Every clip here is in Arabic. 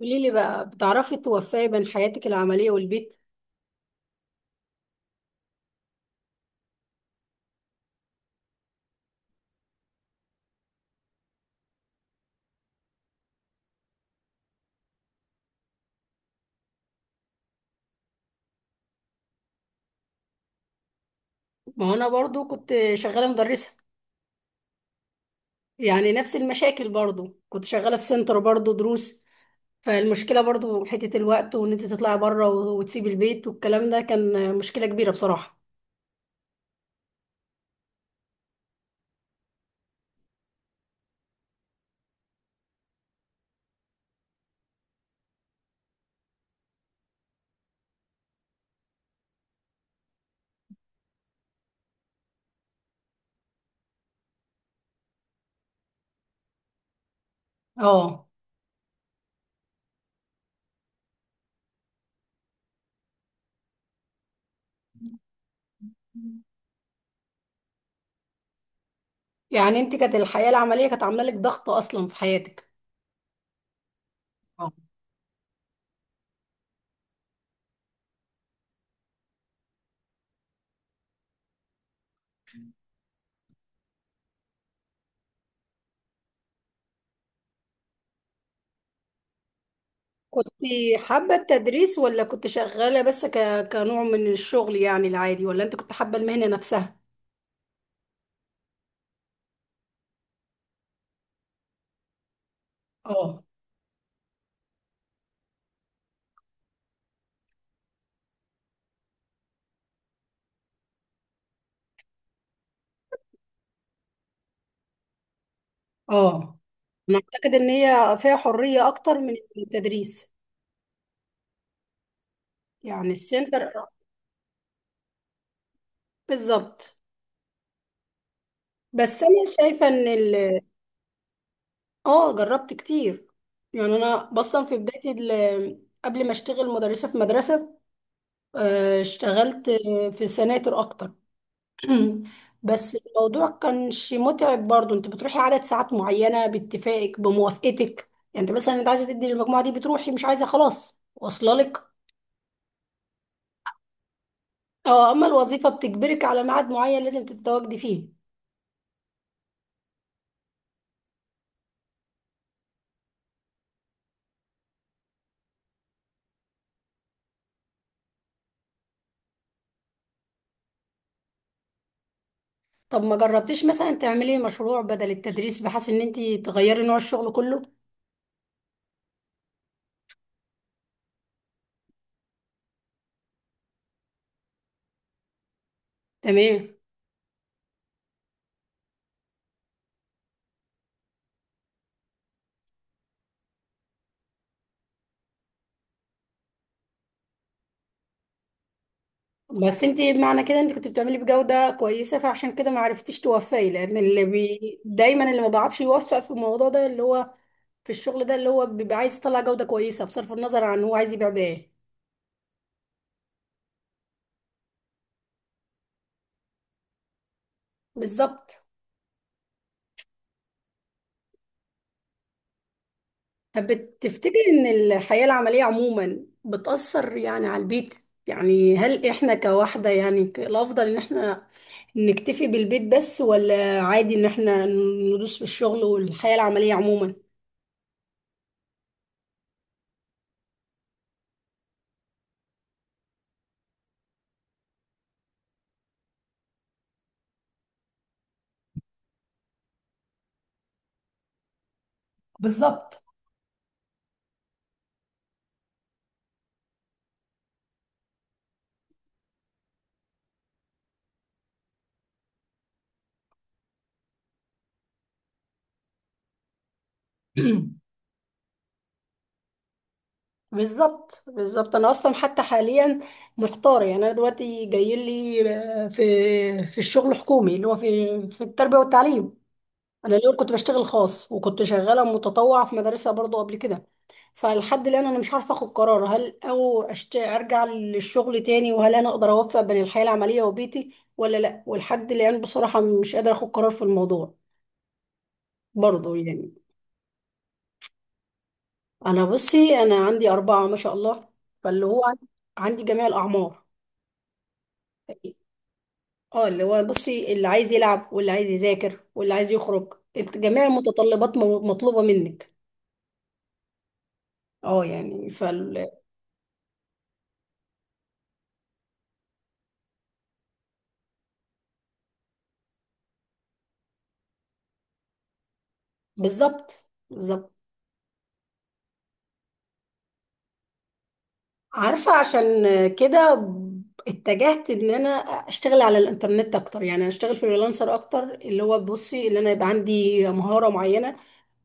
قولي لي بقى بتعرفي توفقي بين حياتك العملية والبيت؟ ما هو انا برضو كنت شغالة مدرسة. يعني نفس المشاكل، برضو كنت شغالة في سنتر برضو دروس. فالمشكلة برضو حتة الوقت، وان انت تطلعي بره وتسيبي البيت والكلام ده، كان مشكلة كبيرة بصراحة. اه، يعني انت كانت الحياة العملية كانت عاملة لك ضغط اصلا في حياتك. آه. كنت حابة التدريس، ولا كنت شغالة بس كنوع من الشغل يعني العادي، ولا انت كنت حابة المهنة نفسها؟ اه، اه، انا اعتقد ان هي فيها حرية اكتر من التدريس. يعني السنتر. بالظبط. بس انا شايفة. اه، جربت كتير. يعني انا اصلا في بداية، قبل ما اشتغل مدرسة في مدرسة. اشتغلت في سناتر اكتر. بس الموضوع كانش متعب. برضو انت بتروحي عدد ساعات معينة باتفاقك بموافقتك. يعني انت مثلا، انت عايزة تدي للمجموعة دي بتروحي، مش عايزة خلاص واصله لك. اه، اما الوظيفة بتجبرك على ميعاد معين لازم تتواجدي فيه. طب ما جربتيش مثلا تعملي مشروع بدل التدريس بحيث ان انت تغيري نوع الشغل كله؟ تمام. بس انت، معنى كده انت كنت بتعملي بجودة كويسة، فعشان كده ما عرفتيش توفقي، لان دايما اللي ما بيعرفش يوفق في الموضوع ده، اللي هو في الشغل ده، اللي هو بيبقى عايز يطلع جودة كويسة بصرف النظر عن هو عايز يبيع بايه. بالظبط. طب بتفتكر ان الحياة العملية عموما بتأثر يعني على البيت؟ يعني هل احنا كواحدة يعني، الافضل ان احنا نكتفي بالبيت بس، ولا عادي ان احنا ندوس في الشغل والحياة العملية عموما؟ بالظبط. بالظبط، بالظبط. انا اصلا حتى حاليا محتارة. يعني انا دلوقتي جاي لي. في في الشغل حكومي، اللي هو في التربية والتعليم. انا الاول كنت بشتغل خاص، وكنت شغاله متطوعه في مدرسه برضو قبل كده. فلحد الان انا مش عارفه اخد قرار، هل ارجع للشغل تاني، وهل انا اقدر اوفق بين الحياه العمليه وبيتي، ولا لا. ولحد الان بصراحه مش قادره اخد قرار في الموضوع. برضو يعني. انا بصي، انا عندي اربعه ما شاء الله. فاللي هو عن- عندي جميع الاعمار. اه، اللي هو بصي، اللي عايز يلعب، واللي عايز يذاكر، واللي عايز يخرج. جميع المتطلبات مطلوبه منك. اه يعني. بالظبط، بالظبط. عارفة، عشان كده اتجهت ان انا اشتغل على الانترنت اكتر. يعني اشتغل فريلانسر اكتر، اللي هو بصي، اللي انا يبقى عندي مهارة معينة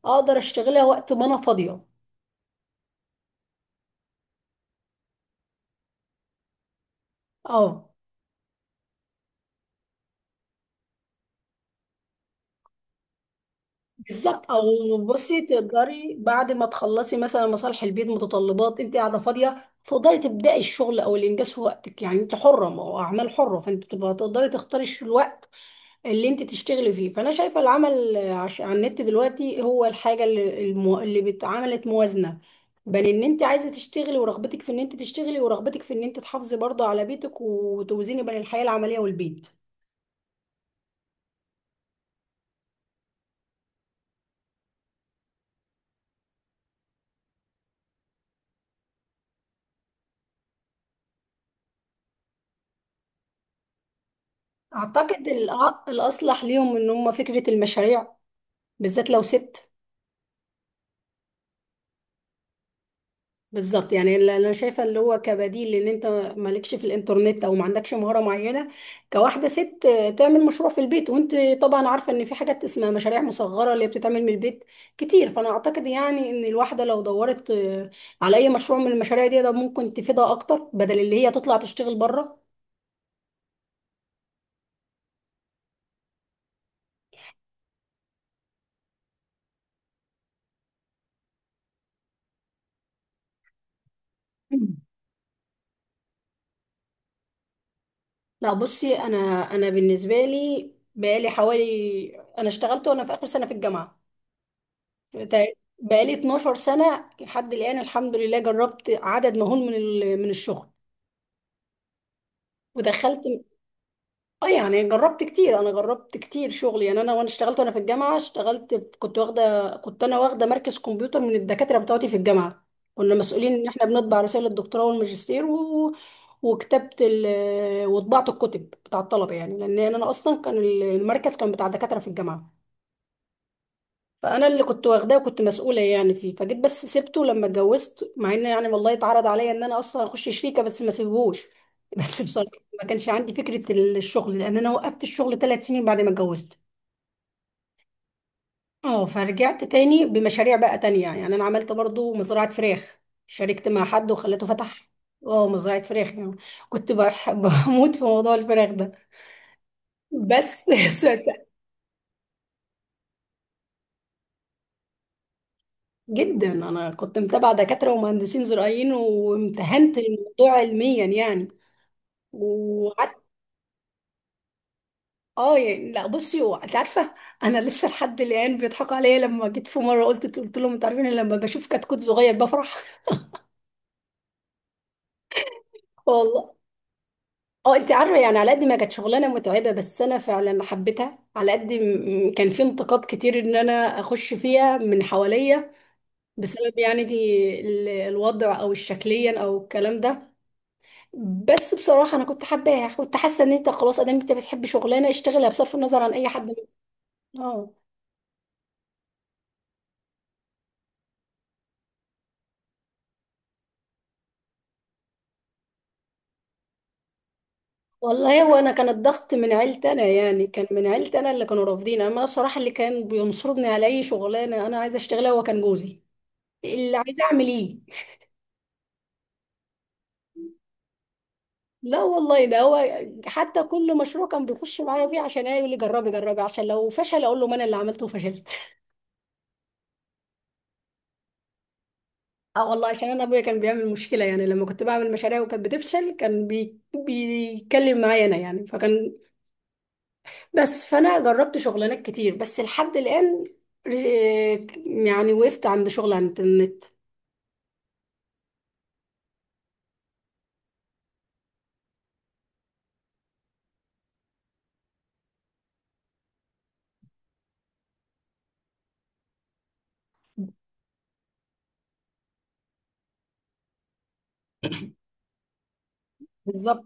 اقدر اشتغلها وقت ما انا فاضية. اه، بالظبط. او بصي، تقدري بعد ما تخلصي مثلا مصالح البيت، متطلبات، انت قاعدة فاضية تقدري تبدأي الشغل او الانجاز في وقتك. يعني انت حرة، ما هو اعمال حرة، فانت بتبقى تقدري تختاري الوقت اللي انت تشتغلي فيه. فانا شايفه العمل على النت دلوقتي هو الحاجه عملت موازنه بين ان انت عايزه تشتغلي، ورغبتك في ان انت تشتغلي، ورغبتك في ان انت تحافظي برضه على بيتك، وتوزيني بين الحياه العمليه والبيت. اعتقد الاصلح ليهم ان هم فكره المشاريع، بالذات لو ست. بالظبط. يعني اللي انا شايفه اللي هو كبديل، لان انت مالكش في الانترنت او ما عندكش مهاره معينه، كواحده ست تعمل مشروع في البيت. وانت طبعا عارفه ان في حاجات اسمها مشاريع مصغره اللي بتتعمل من البيت كتير. فانا اعتقد يعني ان الواحده لو دورت على اي مشروع من المشاريع دي، ده ممكن تفيدها اكتر بدل اللي هي تطلع تشتغل بره. لا، بصي انا، انا بالنسبه لي بقالي حوالي. انا اشتغلت وانا في اخر سنه في الجامعه. بتا- بقالي 12 سنة لحد الآن الحمد لله. جربت عدد مهول من الشغل، ودخلت. اه، يعني جربت كتير. انا جربت كتير شغل يعني. انا وانا اشتغلت وانا في الجامعة، اشتغلت، كنت واخدة، كنت انا واخدة مركز كمبيوتر من الدكاترة بتوعتي في الجامعة. كنا مسؤولين ان احنا بنطبع رسائل الدكتوراه والماجستير، وكتبت ال... وطبعت الكتب بتاع الطلبة، يعني لان انا اصلا كان المركز كان بتاع دكاترة في الجامعة. فانا اللي كنت واخداه، وكنت مسؤوله يعني فيه. فجيت بس سبته لما اتجوزت، مع ان يعني والله اتعرض عليا ان انا اصلا اخش شريكه، بس ما سيبهوش بس بصراحه ما كانش عندي فكره الشغل، لان انا وقفت الشغل ثلاث سنين بعد ما اتجوزت. اه، فرجعت تاني بمشاريع بقى تانية يعني. انا عملت برضو مزرعة فراخ. شاركت مع حد وخلته فتح. اه، مزرعة فراخ يعني. كنت بح- بموت في موضوع الفراخ ده. بس صدق. جدا، انا كنت متابعة دكاترة ومهندسين زراعيين، وامتهنت الموضوع علميا يعني. وقعدت. اه يعني، لا بصي، هو انت عارفه، انا لسه لحد الان بيضحكوا عليا، لما جيت في مره قلت، لهم: انتوا عارفين أنا لما بشوف كتكوت صغير بفرح؟ والله. اه، انت عارفه يعني، على قد ما كانت شغلانه متعبه، بس انا فعلا حبيتها. على قد كان في انتقاد كتير ان انا اخش فيها من حواليا، بسبب يعني دي الوضع، او الشكليا، او الكلام ده. بس بصراحه انا كنت حباها، كنت حاسه ان انت خلاص، ادام انت بتحب شغلانه اشتغلها بصرف النظر عن اي حد. اه والله. هو انا كان الضغط من عيلتي انا يعني. كان من عيلتي انا اللي كانوا رافضين. اما أنا بصراحه، اللي كان بينصرني على اي شغلانه انا عايزه اشتغلها، هو كان جوزي. اللي عايزه اعمل ايه. لا والله، ده هو حتى كل مشروع كان بيخش معايا فيه، عشان ايه، يقول لي: جربي، جربي، عشان لو فشل اقول له: ما انا اللي عملته وفشلت اه والله، عشان انا ابويا كان بيعمل مشكله يعني، لما كنت بعمل مشاريع وكانت بتفشل، كان بيتكلم معايا انا يعني. فكان بس. فانا جربت شغلانات كتير، بس لحد الان يعني وقفت عند شغل عند النت. بالظبط.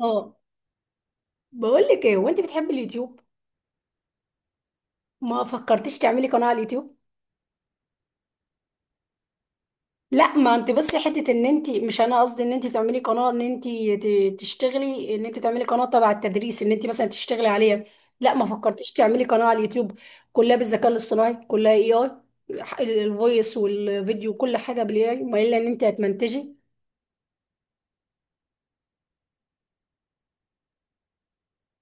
اه، بقول لك ايه، وانت بتحبي اليوتيوب، ما فكرتيش تعملي قناه على اليوتيوب؟ لا، ما انت بس حته ان انت، مش انا قصدي ان انت تعملي قناه ان انت تشتغلي، ان انت تعملي قناه تبع التدريس ان انت مثلا تشتغلي عليها. لا ما فكرتيش تعملي قناه على اليوتيوب؟ كلها بالذكاء الاصطناعي، كلها اي اي، الفويس والفيديو كل حاجه بالاي اي، ما الا ان انت هتمنتجي.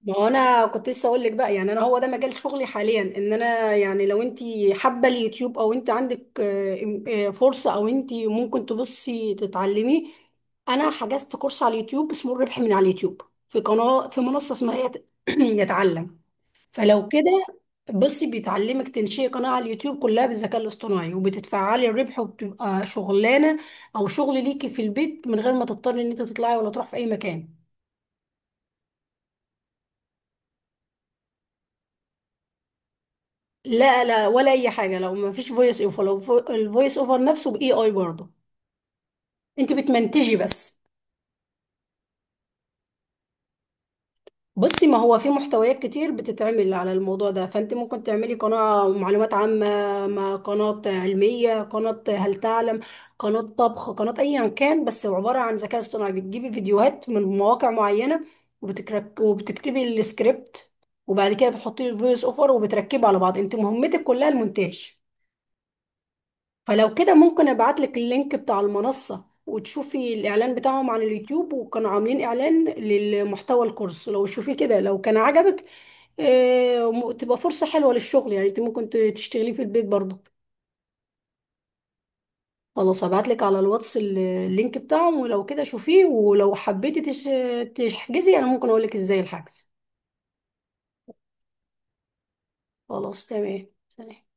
ما هو انا كنت لسه اقول لك بقى يعني، انا هو ده مجال شغلي حاليا. ان انا يعني لو انت حابه اليوتيوب، او انت عندك فرصه، او انت ممكن تبصي تتعلمي. انا حجزت كورس على اليوتيوب اسمه الربح من على اليوتيوب، في قناه، في منصه اسمها يتعلم. فلو كده، بصي، بيتعلمك تنشئي قناه على اليوتيوب كلها بالذكاء الاصطناعي، وبتتفعلي الربح، وبتبقى شغلانه او شغل ليكي في البيت، من غير ما تضطري ان انت تطلعي ولا تروحي في اي مكان. لا، لا، ولا اي حاجه. لو ما فيش فويس اوفر، الفويس اوفر نفسه باي اي برضه، انت بتمنتجي بس. بصي، ما هو في محتويات كتير بتتعمل على الموضوع ده، فانت ممكن تعملي قناه معلومات عامه، مع قناه علميه، قناه هل تعلم، قناه طبخ، قناه ايا كان، بس عباره عن ذكاء اصطناعي. بتجيبي فيديوهات من مواقع معينه، وبتكرك وبتكتبي السكريبت، وبعد كده بتحطي الفويس اوفر وبتركبه على بعض. انت مهمتك كلها المونتاج. فلو كده، ممكن ابعتلك اللينك بتاع المنصة، وتشوفي الاعلان بتاعهم على اليوتيوب، وكانوا عاملين اعلان للمحتوى الكورس، لو شوفي كده، لو كان عجبك تبقى فرصة حلوة للشغل. يعني انت ممكن تشتغليه في البيت برضه. خلاص، هبعتلك على الواتس اللينك بتاعهم، ولو كده شوفيه، ولو حبيتي تحجزي انا ممكن اقولك ازاي الحجز. خلاص، تمام، سلام.